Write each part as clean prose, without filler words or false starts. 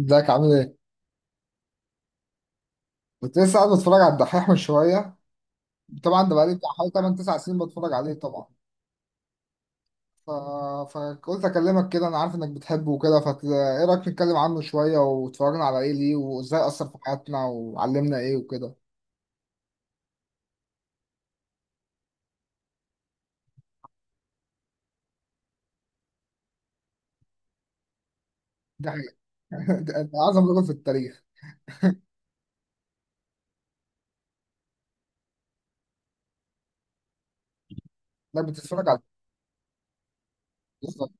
ازيك عامل ايه؟ كنت لسه قاعد بتفرج على الدحيح من شويه. طبعا ده بقالي بتاع حوالي 8 9 سنين بتفرج عليه طبعا. ف... فقلت اكلمك كده، انا عارف انك بتحبه وكده. ايه رايك نتكلم عنه شويه واتفرجنا على ايه ليه وازاي اثر في حياتنا وعلمنا ايه وكده. ده حقيقة. ده اعظم رجل في التاريخ. انك بتتفرج على. بالظبط.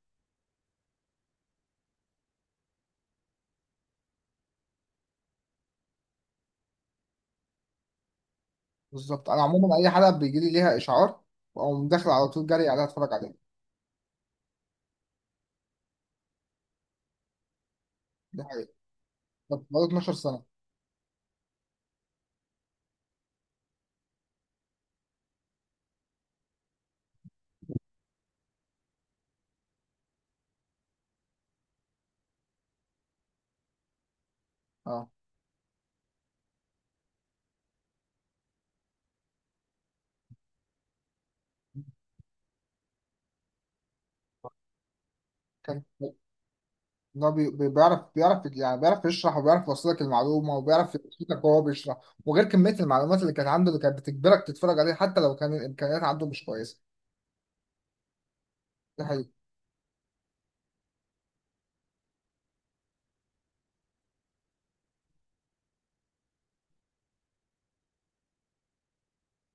بالظبط، انا عموما اي حلقه بيجي لي ليها اشعار واقوم داخل على طول جري عليها اتفرج عليها. ده حقيقة. طب بقالي 12 سنه. اه. كان. إن هو بيعرف يعني بيعرف يشرح وبيعرف يوصلك المعلومة وبيعرف يشرحك وهو بيشرح. وغير كمية المعلومات اللي كانت عنده اللي كانت بتجبرك تتفرج عليه حتى لو كان الإمكانيات عنده مش كويسة. ده حقيقي.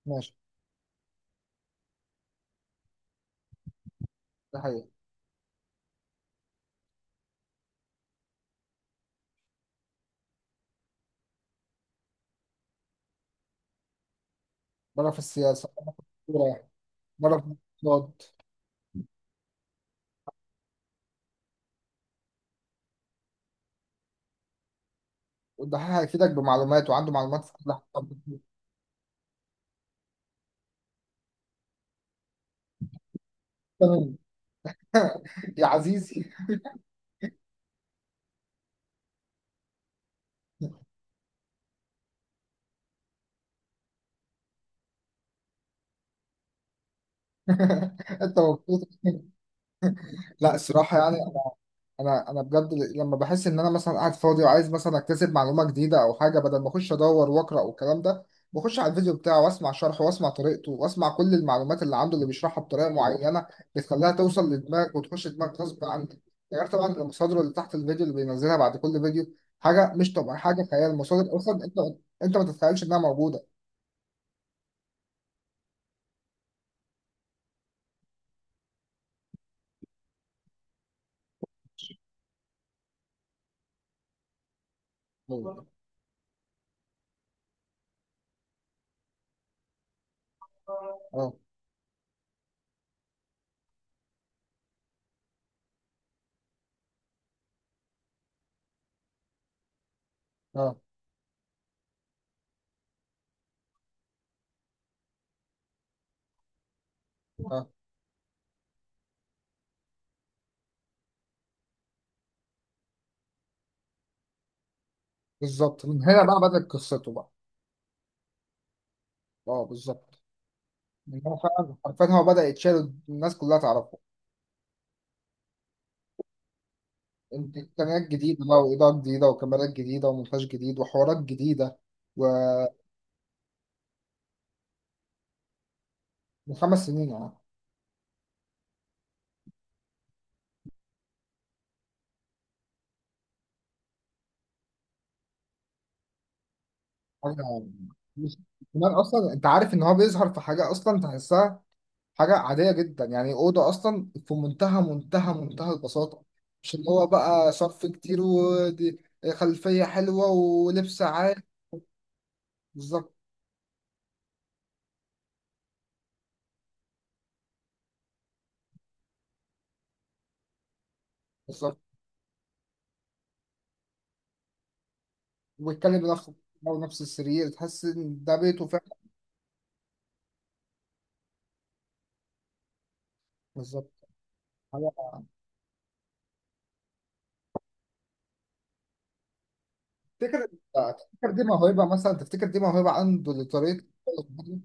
ماشي. ده حقيقي. مرة في السياسة، مرة في الكورة، مرة في الاقتصاد. والدحيح هيفيدك بمعلومات وعنده معلومات في كل حاجة. تمام. يا عزيزي. انت مبسوط. لا الصراحة يعني انا بجد لما بحس ان انا مثلا قاعد فاضي وعايز مثلا اكتسب معلومه جديده او حاجه، بدل ما اخش ادور واقرا والكلام ده بخش على الفيديو بتاعه واسمع شرحه واسمع طريقته واسمع كل المعلومات اللي عنده اللي بيشرحها بطريقه معينه بتخليها توصل لدماغك وتخش دماغك غصب عنك. يعني غير طبعا المصادر اللي تحت الفيديو اللي بينزلها بعد كل فيديو. حاجه مش طبيعيه، حاجه خيال مصادر، اصلا انت ما تتخيلش انها موجوده. اه، اه، اه. بالظبط من هنا بقى بدأت قصته بقى. اه بالظبط، من هنا فعلا حرفيا هو بدأ يتشال الناس كلها تعرفه. انت امكانيات جديده بقى واضاءات جديده وكاميرات جديده ومونتاج جديد وحوارات جديده. ومن 5 سنين اه. حاجه مش- كمان اصلا انت عارف ان هو بيظهر في حاجه اصلا تحسها. حاجه عاديه جدا، يعني اوضه اصلا في منتهى منتهى منتهى البساطه. مش اللي هو بقى صرف كتير، ودي خلفيه حلوه ولبس عالي. بالظبط. بالظبط، وبيتكلم بنفسه. هو نفس السرير، تحس ان ده بيته فعلا. بالظبط. تفتكر. تفتكر دي موهبة، مثلا تفتكر دي موهبة عنده لطريقة التفكير؟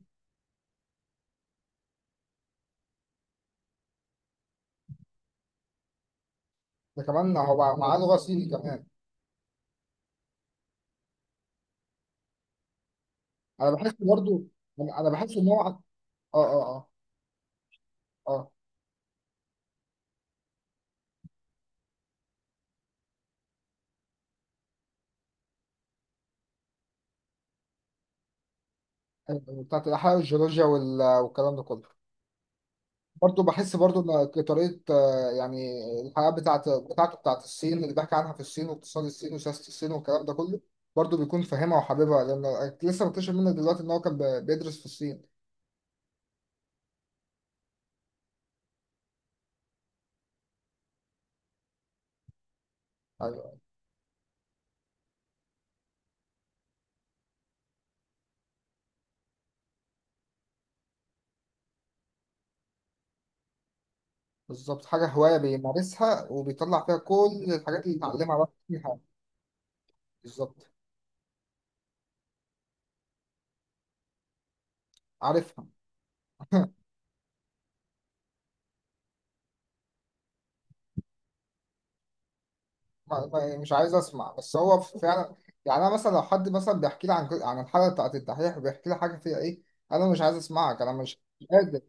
ده كمان هو معاه لغة صيني كمان. أنا بحس برضو. يعني أنا بحس إن آه، آه، آه. آه. يعني بتاعت الأحياء والجيولوجيا والكلام ده كله. برضو بحس برضو إن طريقة يعني الحياة بتاعت بتاعته بتاعت الصين اللي بحكي عنها، في الصين واقتصاد الصين وسياسة الصين والكلام ده كله. برضو بيكون فاهمها وحاببها لأنه لسه مكتشف منه دلوقتي إن هو كان بيدرس في الصين. أيوة. بالظبط، حاجة هواية بيمارسها وبيطلع فيها كل الحاجات اللي اتعلمها بقى فيها. بالظبط. عارفها. ما مش عايز اسمع، بس هو فعلا يعني انا مثلا لو حد مثلا بيحكي لي عن الحلقة بتاعت الدحيح وبيحكي لي حاجة فيها ايه، انا مش عايز اسمعك، انا مش قادر.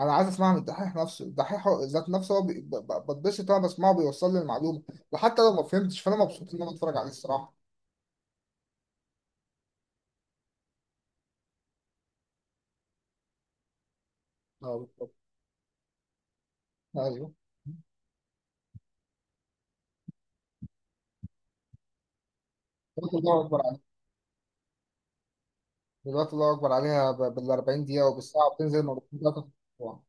انا عايز اسمعها من الدحيح نفسه، الدحيح ذات نفسه هو بتبسط وانا بسمعه بيوصل لي المعلومة، وحتى لو ما فهمتش فانا مبسوط ان انا بتفرج عليه الصراحة. اه بالظبط. ايوه. دلوقتي الله اكبر عليها. دلوقتي الله اكبر عليها بال 40 دقيقة وبالساعة، وبتنزل مرتين ثلاثة في الأسبوع.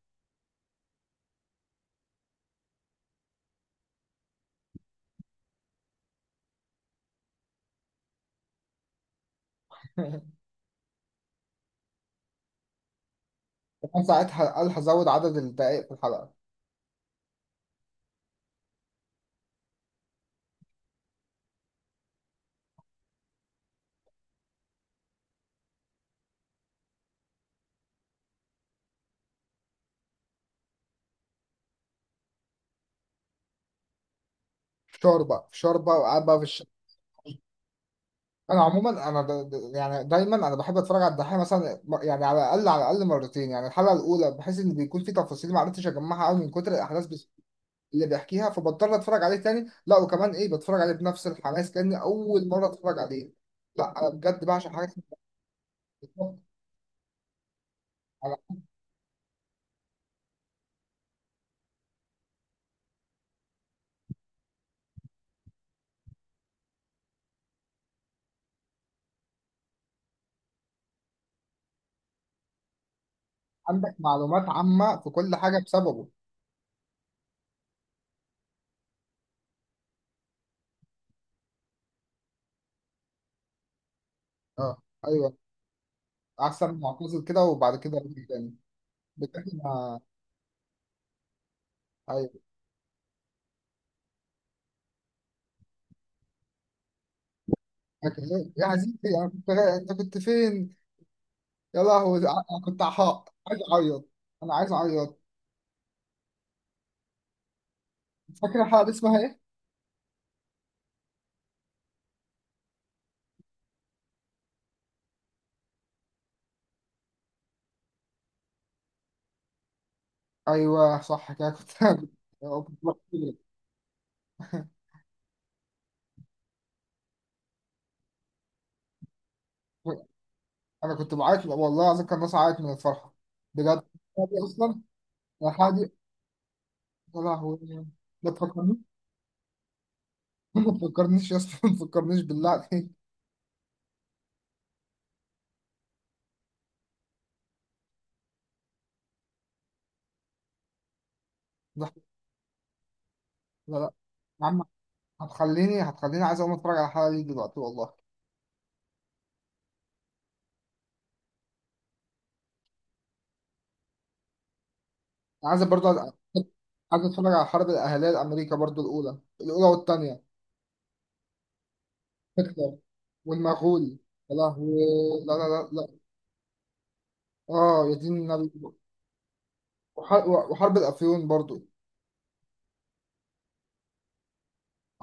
كمان ساعتها قال هزود عدد الدقائق في الحلقه. فشار بقى، فشار بقى وقاعد بقى في الشارع. انا عموما انا يعني دايما انا بحب اتفرج على الدحيح مثلا، يعني على الاقل على الاقل مرتين، يعني الحلقه الاولى بحيث ان بيكون في تفاصيل ما عرفتش اجمعها قوي من كتر الاحداث، بس اللي بيحكيها فبضطر اتفرج عليه تاني. لا وكمان ايه، بتفرج عليه بنفس الحماس كاني اول مره اتفرج عليه. لا انا بجد بعشق حاجه اسمها. أنا. عندك معلومات عامه في كل حاجه بسببه. اه. ايوه، احسن معتزل كده وبعد كده رجع تاني. بجد أيوه. لكن، يا عزيزي انت كنت فين. يا لهوي انا كنت عحاق عايز اعيط. انا عايز اعيط. فاكر الحلقه دي اسمها ايه. ايوه صح كده كنت كنت بحكي لك. انا كنت بعيط والله العظيم، كان الناس عيط من الفرحه. بجد الحلقة دي اصلا. الحلقه دي. يا لهوي. ما تفكرنيش. ما تفكرنيش يا اسطى، ما تفكرنيش بالله عليك. لا، لا، لا. يا عم، هتخليني عايز اقوم اتفرج على الحلقه دي دلوقتي والله. عايز برضو عايز اتفرج على الحرب الاهليه الامريكا برضو الاولى والثانيه. هتلر والمغول. يا لهوي. لا، لا، لا، لا. اه يا دين النبي. وحرب الافيون برضو.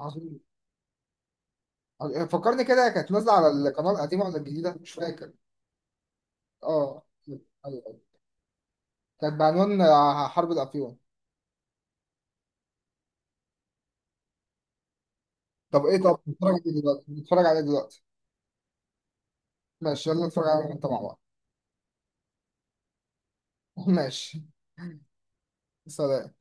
عظيم. فكرني كده، كانت نازله على القناه القديمه ولا الجديده؟ مش فاكر. اه. ايوه أيوة. كانت بعنوان حرب الافيون. طب ايه، طب نتفرج عليه دلوقتي، نتفرج عليه دلوقتي. ماشي يلا نتفرج عليه انت مع بعض. ماشي. سلام